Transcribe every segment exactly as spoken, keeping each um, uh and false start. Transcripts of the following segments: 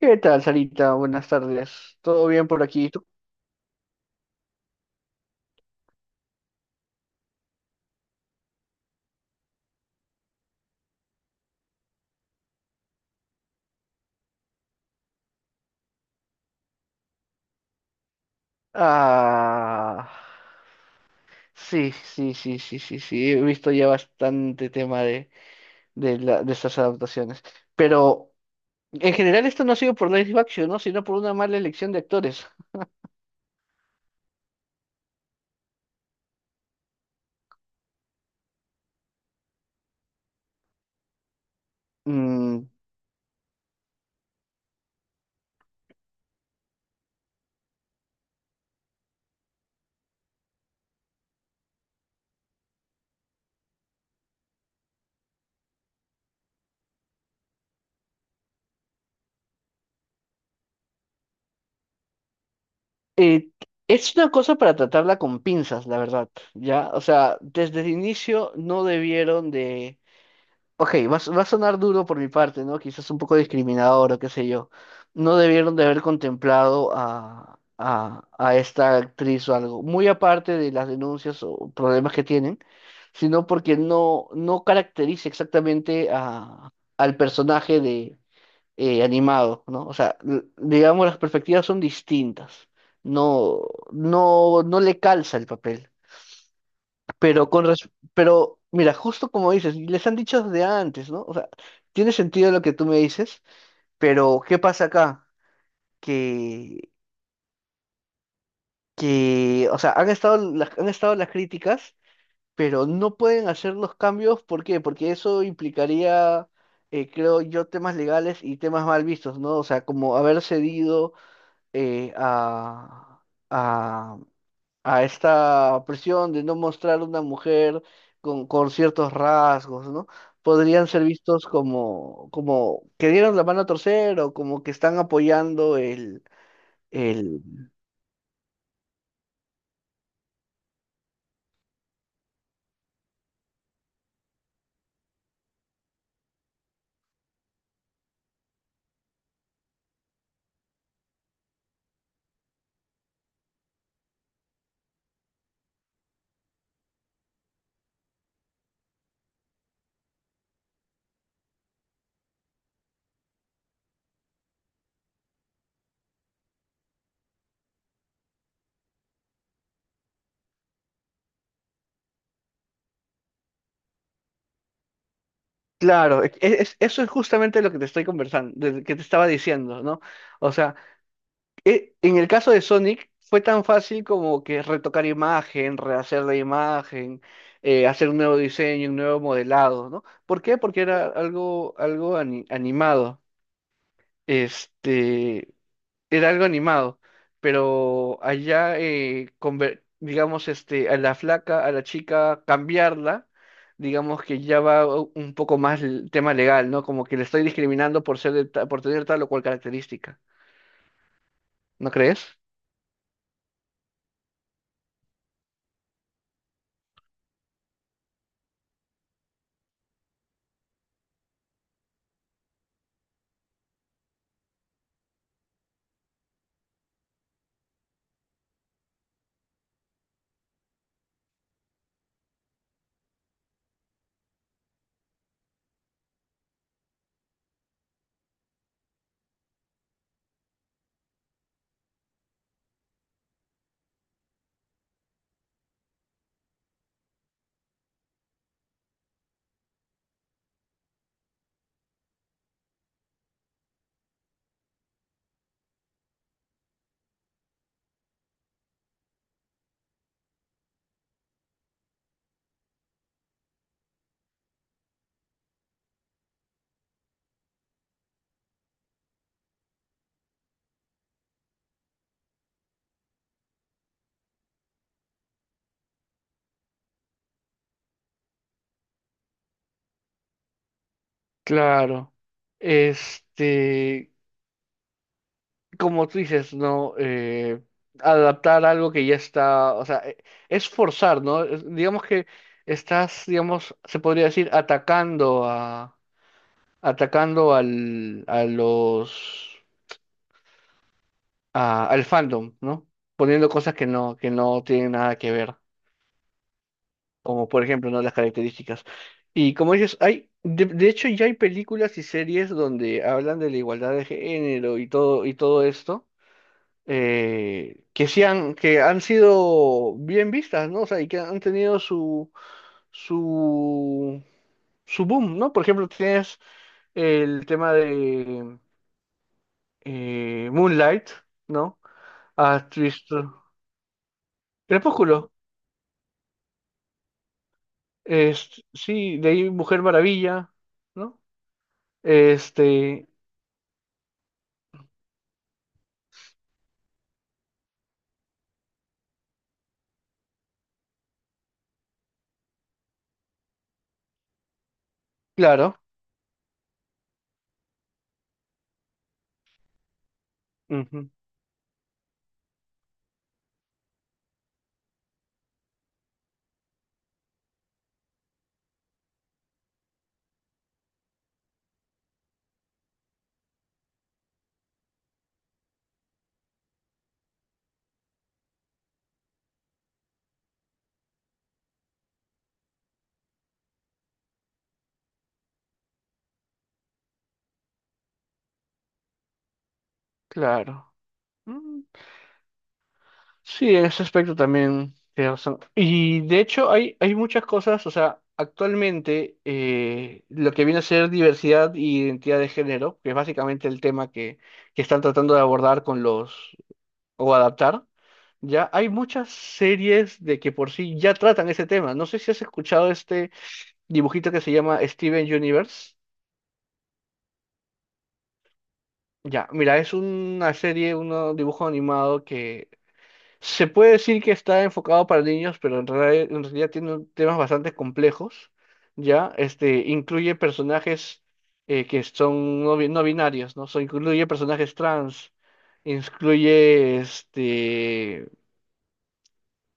¿Qué tal, Sarita? Buenas tardes. ¿Todo bien por aquí? ¿Y ¿Tú? Ah, sí, sí, sí, sí, sí, sí. He visto ya bastante tema de, de, la- de estas adaptaciones. Pero en general esto no ha sido por live action, ¿no? Sino por una mala elección de actores. Mm, eh, es una cosa para tratarla con pinzas, la verdad, ¿ya? O sea, desde el inicio no debieron. Ok, va, a s- va a sonar duro por mi parte, ¿no? Quizás un poco discriminador o qué sé yo. No debieron de haber contemplado a, a, a esta actriz o algo, muy aparte de las denuncias o problemas que tienen, sino porque no, no caracteriza exactamente a, al personaje de eh, animado, ¿no? O sea, l- digamos, las perspectivas son distintas. No, no, no le calza el papel. Pero con res- pero mira, justo como dices, les han dicho desde antes, ¿no? O sea, tiene sentido lo que tú me dices, pero ¿qué pasa acá? Que, que, o sea, han estado las, han estado las críticas, pero no pueden hacer los cambios, ¿por qué? Porque eso implicaría, eh, creo yo, temas legales y temas mal vistos, ¿no? O sea, como haber cedido eh, a, a a esta presión de no mostrar una mujer con, con ciertos rasgos, ¿no? Podrían ser vistos como, como que dieron la mano a torcer o como que están apoyando el, el... Claro, e- e- es- eso es justamente lo que te estoy conversando, de- que te estaba diciendo, ¿no? O sea, e- en el caso de Sonic fue tan fácil como que retocar imagen, rehacer la imagen, eh, hacer un nuevo diseño, un nuevo modelado, ¿no? ¿Por qué? Porque era algo, algo ani- animado. Este, era algo animado, pero allá, eh, conver- digamos, este, a la flaca, a la chica, cambiarla, digamos que ya va u- un poco más el tema legal, ¿no? Como que le estoy discriminando por ser de ta- por tener tal o cual característica, ¿no crees? Claro. Este, como tú dices, ¿no? Eh, adaptar algo que ya está, o sea, e- es forzar, ¿no? Es- digamos que estás, digamos, se podría decir, atacando atacando al, a los, a- al fandom, ¿no? Poniendo cosas que no, que no tienen nada que ver, como por ejemplo, ¿no? Las características. Y como dices, hay, de, de hecho ya hay películas y series donde hablan de la igualdad de género y todo, y todo esto, eh, que sí han, que han sido bien vistas, ¿no? O sea, y que han tenido su, su, su boom, ¿no? Por ejemplo, tienes el tema de eh, Moonlight, ¿no? Ah, has visto. Crepúsculo. Es, sí, de ahí Mujer Maravilla, ¿no? Este, claro, ujú, claro. Mm, sí, en ese aspecto también tienes razón. Y de hecho hay, hay muchas cosas, o sea, actualmente eh, lo que viene a ser diversidad e identidad de género, que es básicamente el tema que, que están tratando de abordar con los, o adaptar, ya hay muchas series de que por sí ya tratan ese tema. No sé si has escuchado este dibujito que se llama Steven Universe. Ya, mira, es una serie, un dibujo animado que se puede decir que está enfocado para niños, pero en realidad, en realidad tiene un- temas bastante complejos. Ya, este, incluye personajes eh, que son no, bi- no binarios, ¿no? So, incluye personajes trans, incluye este.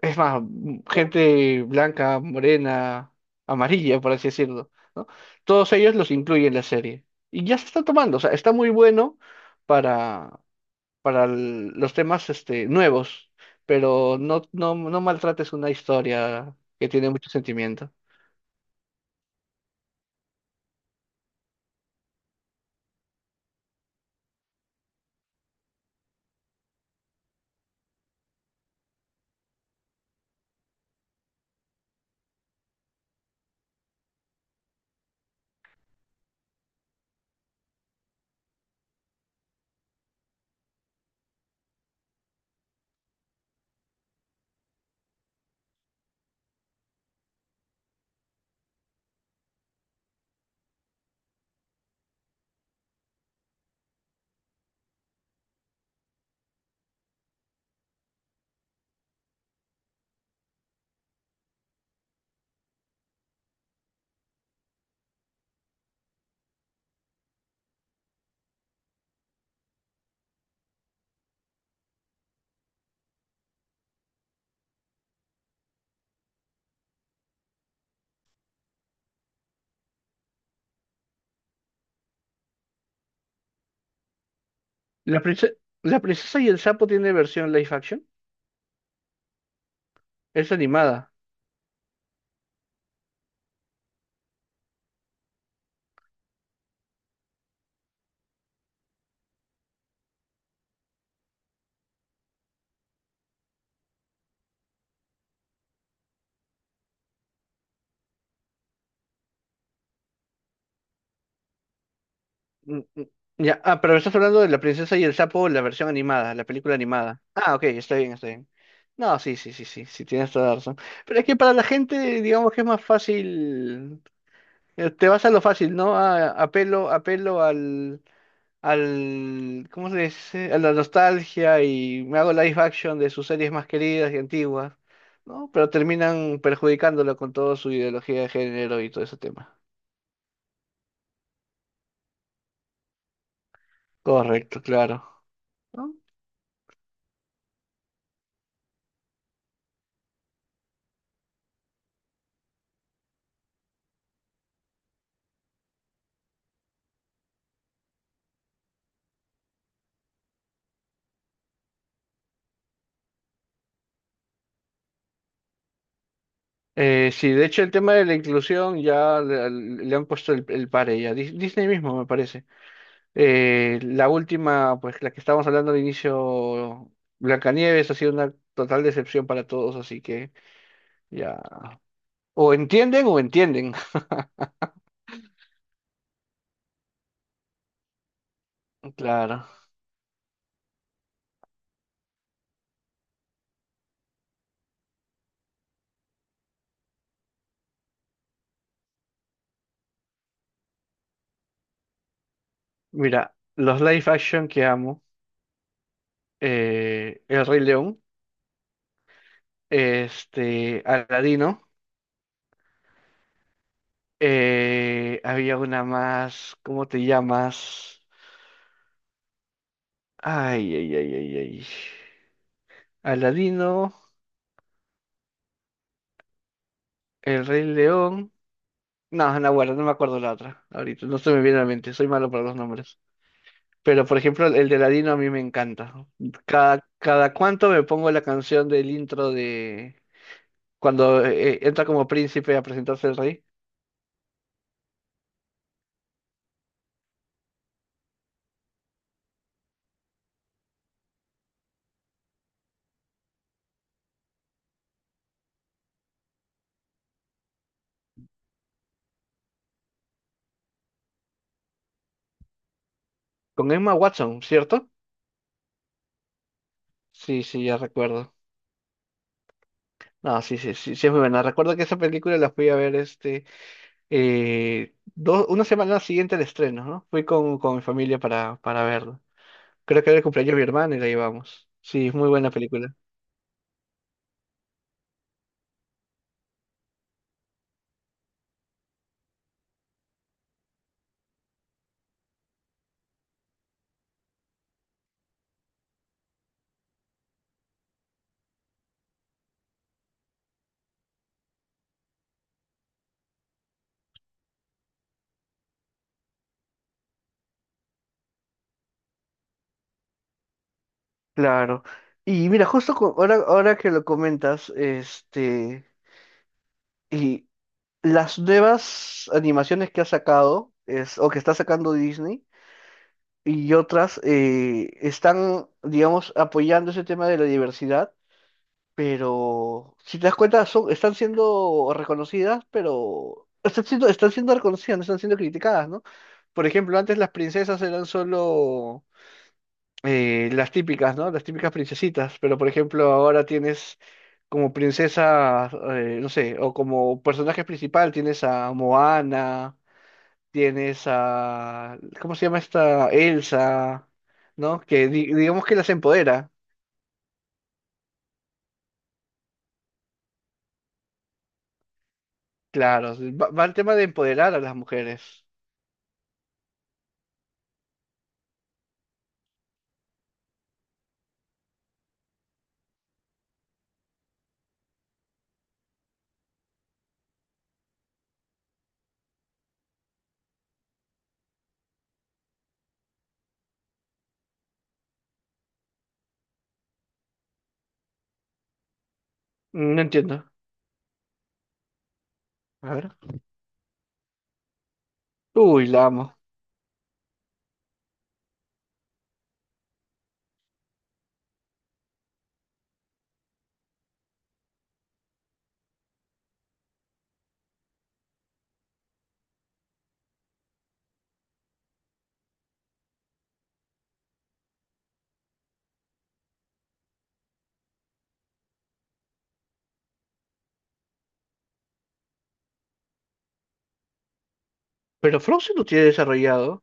Es más, m- gente blanca, morena, amarilla, por así decirlo, ¿no? Todos ellos los incluyen en la serie. Y ya se está tomando, o sea, está muy bueno para, para l- los temas este, nuevos, pero no, no, no maltrates una historia que tiene mucho sentimiento. La prince- La princesa y el sapo tiene versión live action, es animada. Mm, mm, ya, ah, pero estás hablando de La Princesa y el Sapo, la versión animada, la película animada. Ah, ok, está bien, está bien. No, sí, sí, sí, sí, sí, tienes toda la razón. Pero es que para la gente, digamos que es más fácil, eh, te vas a lo fácil, ¿no? Ah, apelo, apelo al, al, ¿cómo se dice? A la nostalgia y me hago live action de sus series más queridas y antiguas, ¿no? Pero terminan perjudicándolo con toda su ideología de género y todo ese tema. Correcto, claro. ¿No? Eh, sí, de hecho el tema de la inclusión ya le, le han puesto el, el pare ya. Dis- Disney mismo me parece. Eh, la última, pues la que estábamos hablando al inicio, Blancanieves ha sido una total decepción para todos, así que ya. O entienden o entienden. Claro. Mira, los live action que amo, eh, El Rey León, este, Aladino, eh, había una más, ¿cómo te llamas? Ay, ay, ay, ay, ay. Aladino, El Rey León. No, Nahuala, no me acuerdo la otra. Ahorita no se me viene a la mente, soy malo para los nombres. Pero por ejemplo, el de Aladino a mí me encanta. Cada, cada cuánto me pongo la canción del intro de cuando eh, eh, entra como príncipe a presentarse el rey. Con Emma Watson, ¿cierto? Sí, sí, ya recuerdo. No, sí, sí, sí, sí es muy buena. Recuerdo que esa película la fui a ver este eh, dos, una semana siguiente al estreno, ¿no? Fui con, con mi familia para, para verla. Creo que era el cumpleaños de mi hermana y la llevamos. Sí, muy buena película. Claro. Y mira, justo co- ahora, ahora que lo comentas, este, y las nuevas animaciones que ha sacado, es, o que está sacando Disney, y otras, eh, están, digamos, apoyando ese tema de la diversidad, pero si te das cuenta, son, están siendo reconocidas, pero están siendo, están siendo reconocidas, no están siendo criticadas, ¿no? Por ejemplo, antes las princesas eran solo eh, las típicas, ¿no? Las típicas princesitas, pero por ejemplo ahora tienes como princesa, eh, no sé, o como personaje principal tienes a Moana, tienes a, ¿cómo se llama esta? Elsa, ¿no? Que di- digamos que las empodera, claro, sí, va, va el tema de empoderar a las mujeres. Mm, no entiendo. A ver. Uy, la amo. Pero Frozen lo tiene desarrollado.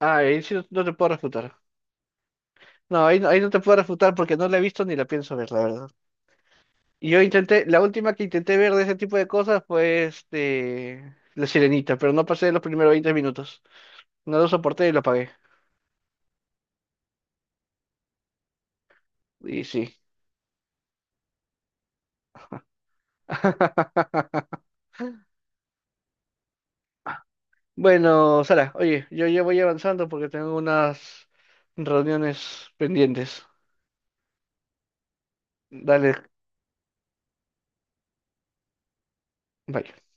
Ah, ahí sí no, no te puedo refutar. No ahí, no, ahí no te puedo refutar porque no la he visto ni la pienso ver, la verdad. Y yo intenté, la última que intenté ver de ese tipo de cosas fue este, La Sirenita, pero no pasé de los primeros veinte minutos. No lo soporté y lo apagué. Y sí. Bueno, Sara, oye, yo ya voy avanzando porque tengo unas reuniones pendientes. Dale, bye.